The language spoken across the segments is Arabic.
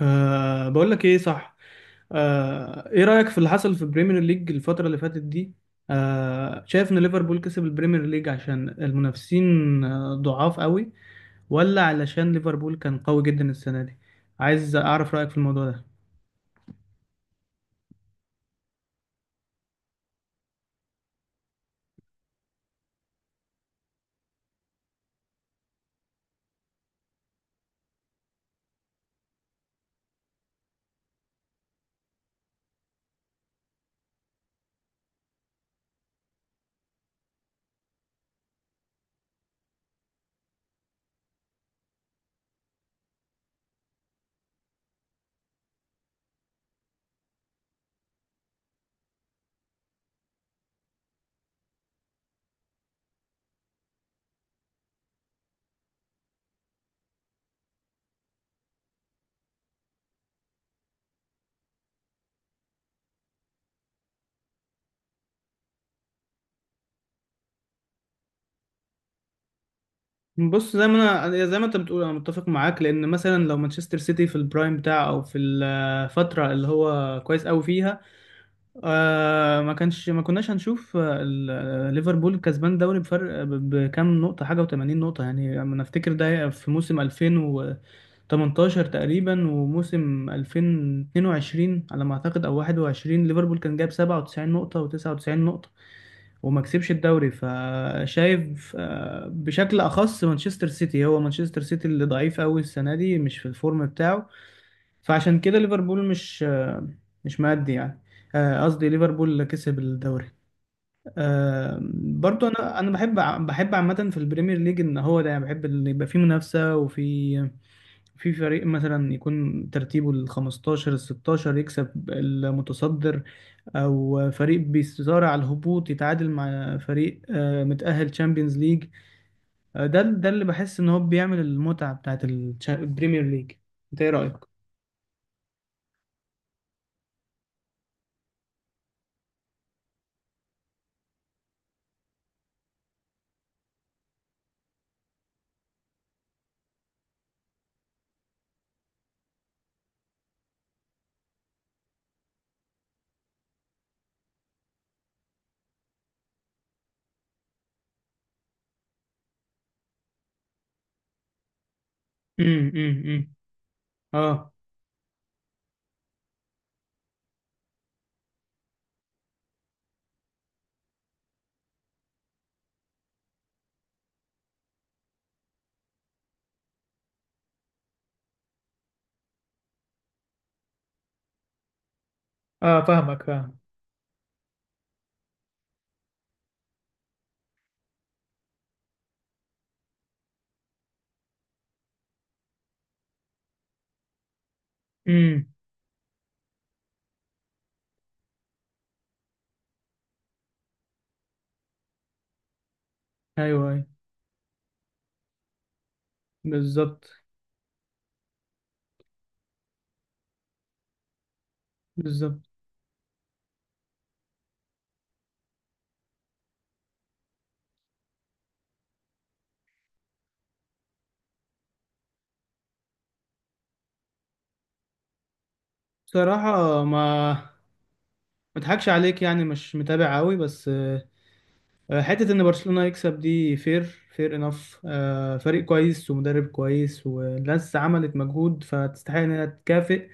بقول لك ايه، صح. ايه رأيك في اللي حصل في البريمير ليج الفترة اللي فاتت دي؟ شايف ان ليفربول كسب البريمير ليج عشان المنافسين ضعاف قوي، ولا علشان ليفربول كان قوي جدا السنة دي؟ عايز اعرف رأيك في الموضوع ده. بص، زي ما انت بتقول انا متفق معاك، لان مثلا لو مانشستر سيتي في البرايم بتاعه او في الفترة اللي هو كويس قوي فيها، ما كناش هنشوف ليفربول كسبان دوري بفرق بكام نقطة حاجة، و80 نقطة. يعني انا افتكر ده في موسم 2018 تقريبا، وموسم 2022 على ما اعتقد او 21 ليفربول كان جايب 97 نقطة و99 نقطة وما كسبش الدوري. فشايف بشكل اخص مانشستر سيتي، هو مانشستر سيتي اللي ضعيف قوي السنه دي، مش في الفورم بتاعه. فعشان كده ليفربول مش مش مادي يعني، قصدي ليفربول اللي كسب الدوري. برضو انا بحب عامه في البريمير ليج ان هو ده، يعني بحب ان يبقى فيه منافسه، وفي فريق مثلا يكون ترتيبه ال 15 ال 16 يكسب المتصدر، او فريق بيصارع على الهبوط يتعادل مع فريق متأهل تشامبيونز ليج. ده اللي بحس ان هو بيعمل المتعه بتاعت البريمير ليج. انت ايه رايك؟ امم، امم. اه، اه، فاهمك، فاهم. امم. ايوه، ايوه. بالظبط، بالظبط. بصراحة ما اضحكش عليك، يعني مش متابع قوي، بس حتة ان برشلونة يكسب دي فير، فير انف. فريق كويس، ومدرب كويس، والناس عملت مجهود فتستحق انها تكافئ.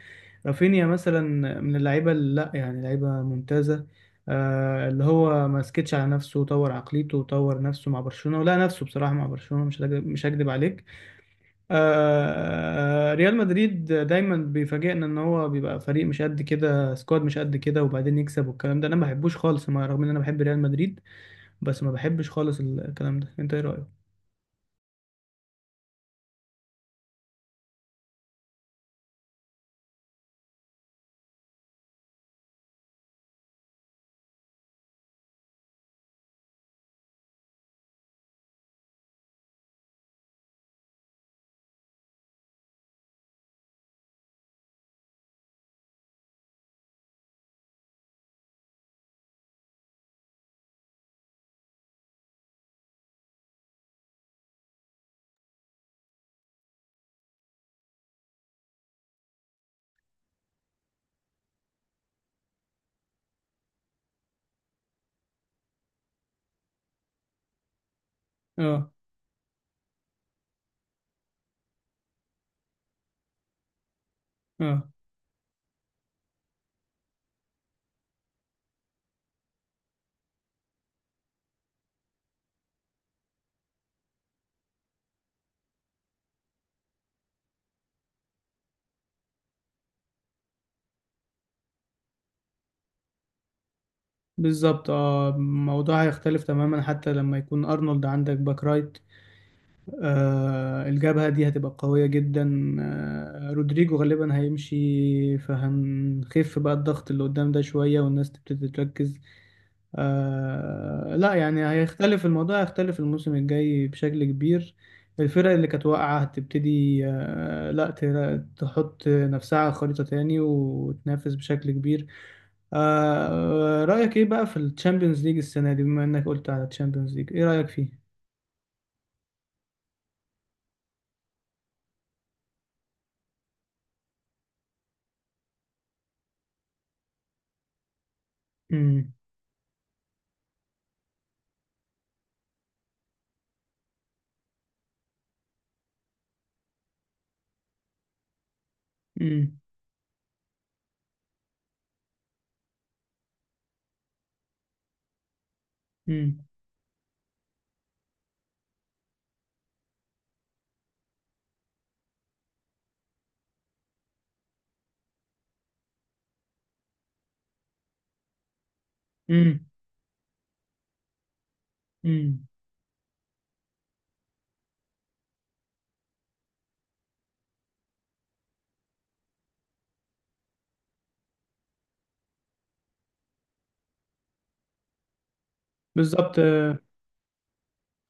رافينيا مثلا، من اللعيبة اللي، لا يعني، لعيبة ممتازة، اللي هو ما سكتش على نفسه وطور عقليته وطور نفسه مع برشلونة، ولا نفسه بصراحة مع برشلونة، مش هكدب عليك. ريال مدريد دايما بيفاجئنا ان هو بيبقى فريق مش قد كده، سكواد مش قد كده، وبعدين يكسب، والكلام ده انا ما بحبوش خالص، مع رغم ان انا بحب ريال مدريد، بس ما بحبش خالص الكلام ده. انت ايه رأيك؟ اه، اه، بالظبط. اه الموضوع هيختلف تماما، حتى لما يكون ارنولد عندك باك رايت. الجبهة دي هتبقى قوية جدا. رودريجو غالبا هيمشي، فهنخف بقى الضغط اللي قدام ده شوية، والناس تبتدي تركز. لا يعني هيختلف الموضوع، هيختلف الموسم الجاي بشكل كبير. الفرق اللي كانت واقعة هتبتدي، لا، تحط نفسها على خريطة تاني وتنافس بشكل كبير. آه رأيك ايه بقى في الشامبيونز ليج السنة دي؟ بما انك قلت على الشامبيونز ليج، ايه رأيك فيه؟ مم. مم. مم. مم. مم. بالظبط.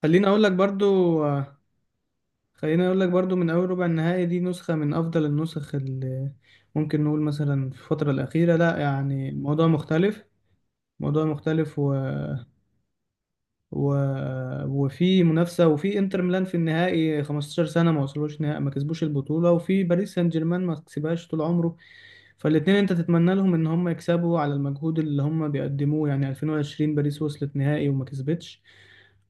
خليني اقول لك برضو، خليني اقول لك برضو، من اول ربع النهائي دي نسخة من افضل النسخ اللي ممكن نقول مثلا في الفترة الأخيرة، لا يعني، موضوع مختلف. موضوع مختلف. و... وفي منافسة، وفي انتر ميلان في النهائي 15 سنة ما وصلوش نهائي، ما كسبوش البطولة، وفي باريس سان جيرمان ما كسبهاش طول عمره. فالاتنين انت تتمنى لهم ان هم يكسبوا على المجهود اللي هم بيقدموه، يعني 2020 باريس وصلت نهائي وما كسبتش،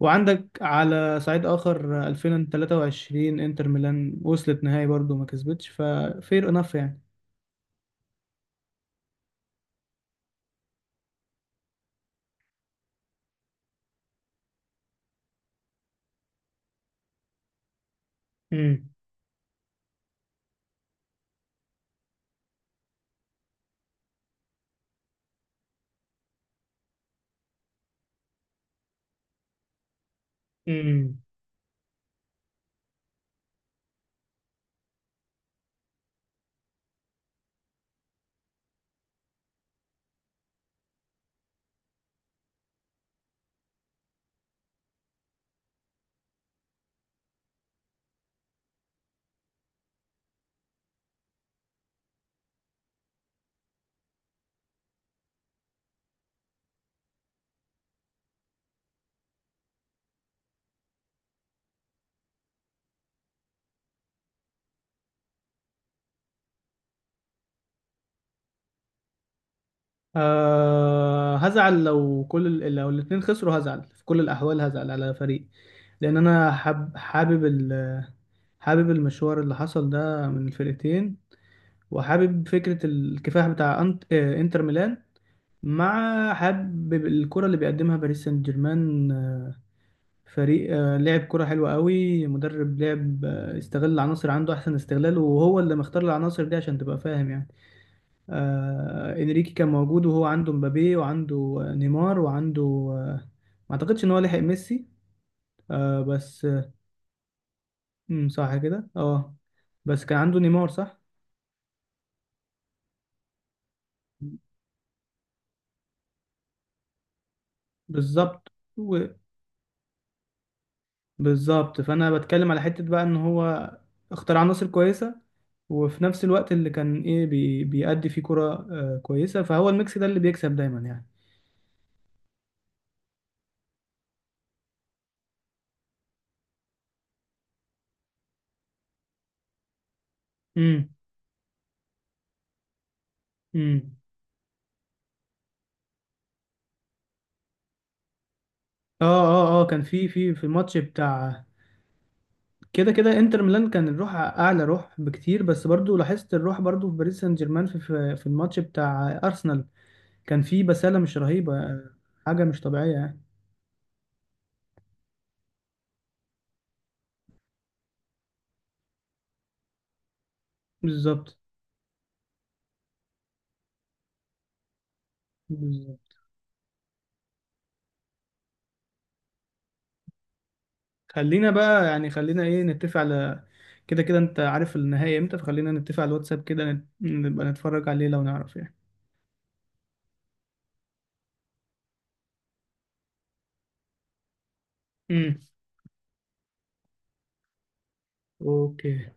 وعندك على صعيد اخر 2023 انتر ميلان وصلت نهائي برضه وما كسبتش، ففير انف يعني. امم. هزعل لو لو الاتنين خسروا، هزعل في كل الأحوال، هزعل على فريق، لأن أنا حابب حابب المشوار اللي حصل ده من الفرقتين، وحابب فكرة الكفاح بتاع أنت... آه، إنتر ميلان، مع حابب الكرة اللي بيقدمها باريس سان جيرمان. فريق لعب كرة حلوة قوي، مدرب لعب استغل العناصر عنده أحسن استغلال، وهو اللي مختار العناصر دي عشان تبقى فاهم يعني. انريكي كان موجود وهو عنده مبابي، وعنده نيمار، وعنده ما اعتقدش ان هو لحق ميسي، بس مم، صح كده، اه. بس كان عنده نيمار، صح. بالظبط. و- بالظبط، فانا بتكلم على حتة بقى ان هو اختار عناصر كويسة، وفي نفس الوقت اللي كان ايه بي بيأدي فيه كرة كويسة، فهو الميكس ده اللي بيكسب دايما يعني. امم، امم. اه كان في الماتش بتاع، كده كده انتر ميلان كان الروح اعلى روح بكتير، بس برضو لاحظت الروح برضو في باريس سان جيرمان في الماتش بتاع ارسنال، كان في بسالة مش رهيبة، حاجة مش طبيعية يعني. بالظبط، بالظبط. خلينا بقى، يعني، خلينا ايه، نتفق على، كده كده انت عارف النهائي امتى، فخلينا نتفق على الواتساب كده، نبقى نتفرج عليه لو نعرف يعني. امم. اوكي.